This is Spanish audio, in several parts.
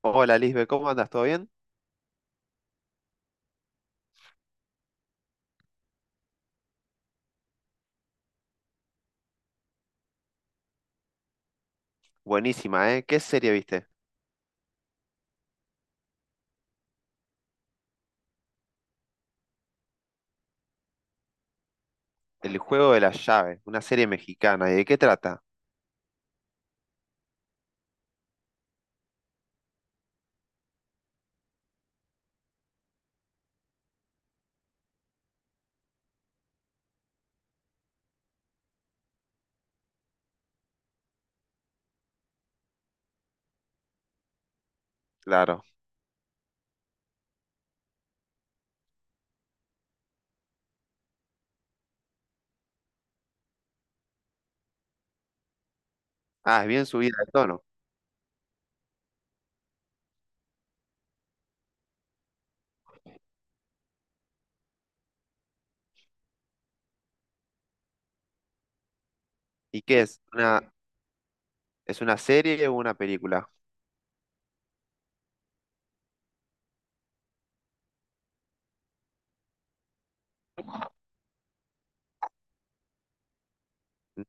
Hola Lisbe, ¿cómo andas? ¿Todo bien? Buenísima, ¿eh? ¿Qué serie viste? El juego de la llave, una serie mexicana. ¿Y de qué trata? Claro. Ah, es bien subida de tono. ¿Y qué es? ¿Es una serie o una película? Mm,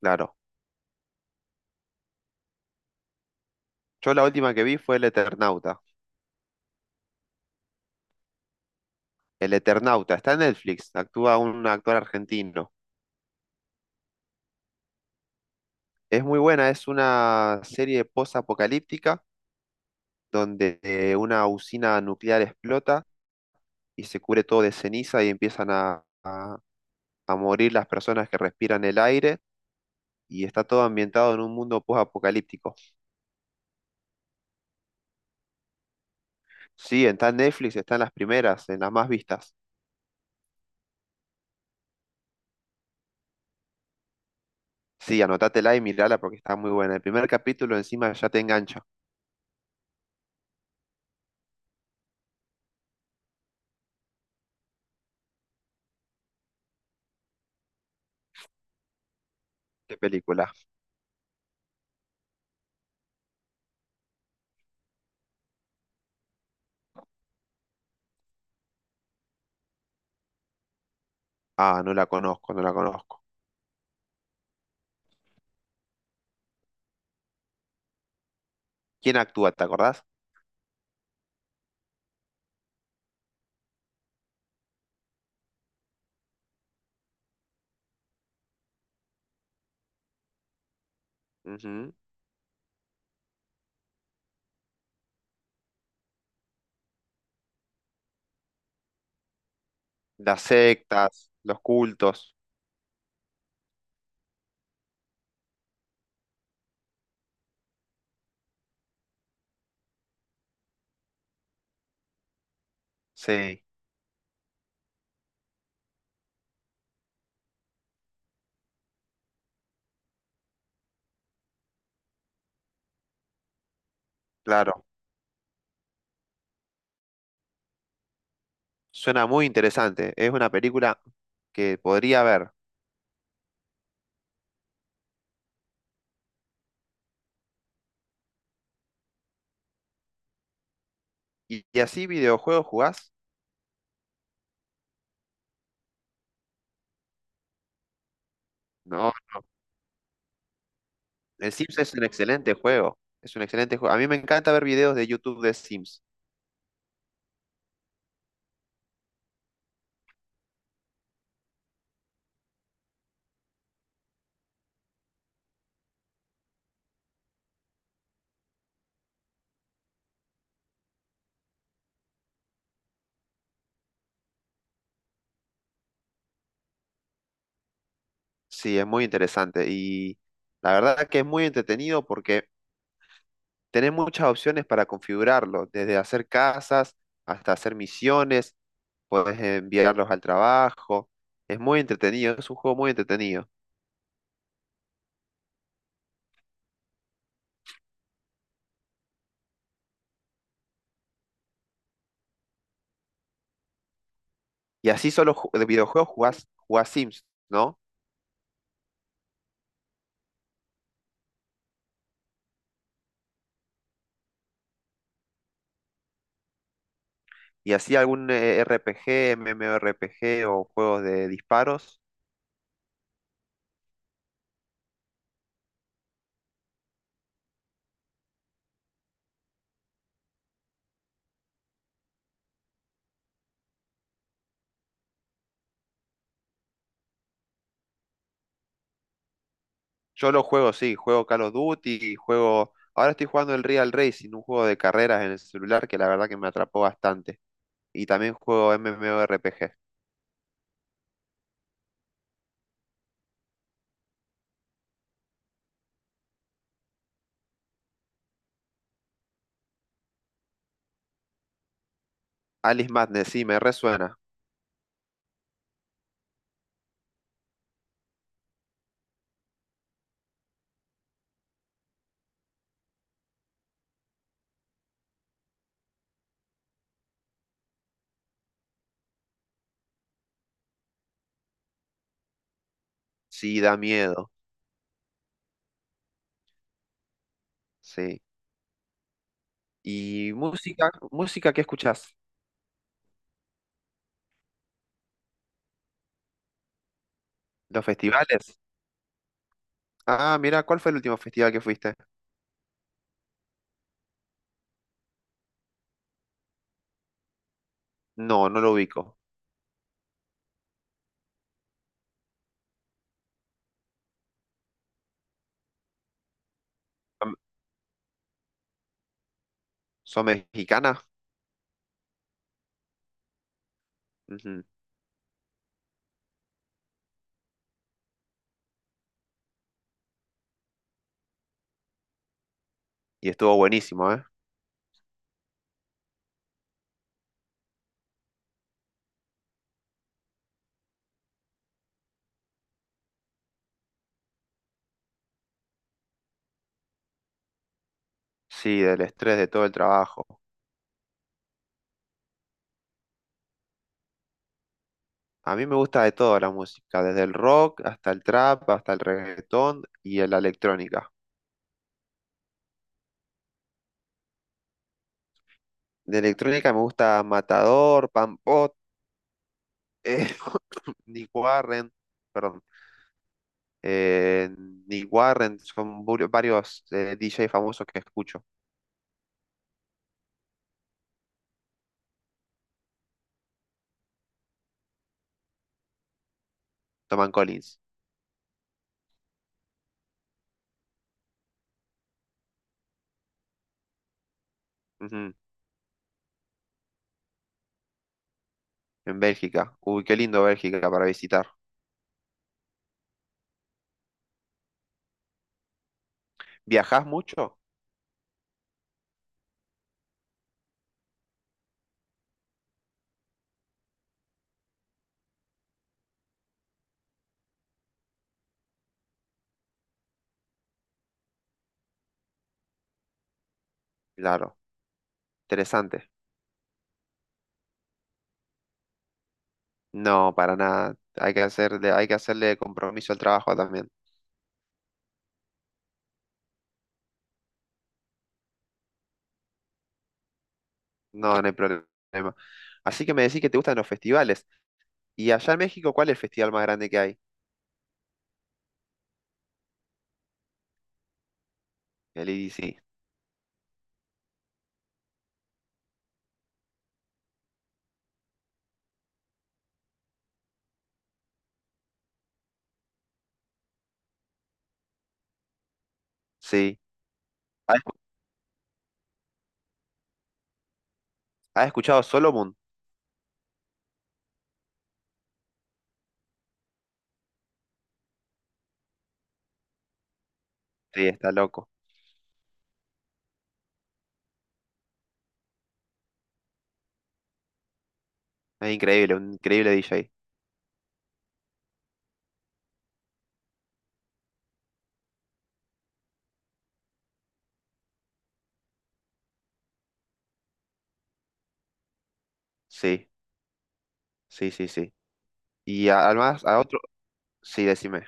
claro. Yo la última que vi fue El Eternauta. El Eternauta, está en Netflix, actúa un actor argentino. Es muy buena, es una serie post-apocalíptica donde una usina nuclear explota y se cubre todo de ceniza y empiezan a morir las personas que respiran el aire y está todo ambientado en un mundo post-apocalíptico. Sí, está en Netflix, está en las primeras, en las más vistas. Sí, anótatela y mirala porque está muy buena. El primer capítulo encima ya te engancha. ¿Qué película? Ah, no la conozco, no la conozco. ¿Quién actúa? ¿Te acordás? Ujú. Las sectas, los cultos. Sí, claro. Suena muy interesante. Es una película que podría ver. ¿Y así videojuegos jugás? No, el Sims es un excelente juego. Es un excelente juego. A mí me encanta ver videos de YouTube de Sims. Sí, es muy interesante y la verdad que es muy entretenido porque tenés muchas opciones para configurarlo, desde hacer casas hasta hacer misiones, puedes enviarlos al trabajo, es muy entretenido, es un juego muy entretenido. Y así de videojuegos jugás Sims, ¿no? Y así algún RPG, MMORPG o juegos de disparos. Yo lo juego, sí, juego Call of Duty, juego... Ahora estoy jugando el Real Racing, un juego de carreras en el celular que la verdad que me atrapó bastante. Y también juego MMORPG. Alice Madness, sí, me resuena. Sí, da miedo. Sí. ¿Y música? ¿Música qué escuchás? ¿Los festivales? Ah, mira, ¿cuál fue el último festival que fuiste? No, no lo ubico. Am- ¿Son mexicanas? Ujú. Y estuvo buenísimo, ¿eh? Sí, del estrés de todo el trabajo. A mí me gusta de todo la música, desde el rock hasta el trap, hasta el reggaetón y la electrónica. De electrónica me gusta Matador, Pampot, eh, Nick Warren, perdón. eh, Nick Warren, son varios DJ famosos que escucho. Toman Collins. Ujú. En Bélgica. Uy, qué lindo Bélgica para visitar. ¿Viajás mucho? Claro, interesante. No, para nada. Hay que hacerle compromiso al trabajo también. No, no hay problema. Así que me decís que te gustan los festivales. ¿Y allá en México cuál es el festival más grande que hay? El I D C. Sí. ¿Has has escuchado Solomon? Sí, está loco. Es increíble, un increíble DJ. Sí, sí, sí, sí. Y además a otro, sí, decime.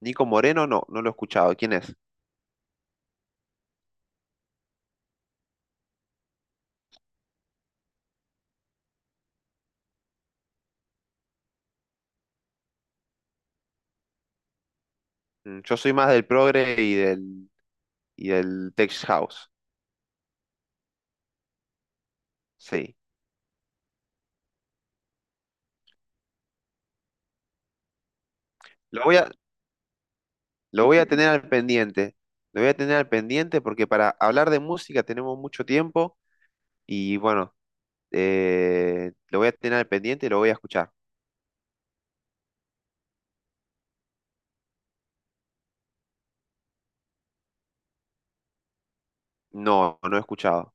Nico Moreno, no, no lo he escuchado. ¿Quién es? Yo soy más del progre y del tech house. Sí. Lo voy a, lo voy a tener al pendiente. Lo voy a tener al pendiente porque para hablar de música tenemos mucho tiempo y bueno, lo voy a tener al pendiente y lo voy a escuchar. No, no he escuchado.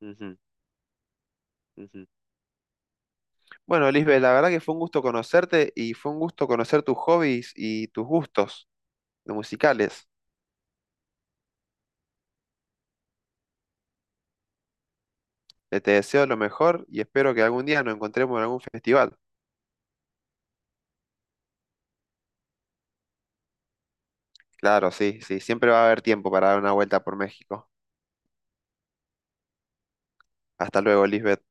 Ujú, ujú. Bueno, Lisbeth, la verdad que fue un gusto conocerte y fue un gusto conocer tus hobbies y tus gustos musicales. Te deseo lo mejor y espero que algún día nos encontremos en algún festival. Claro, sí, sí, siempre va a haber tiempo para dar una vuelta por México. Hasta luego, Lisbeth.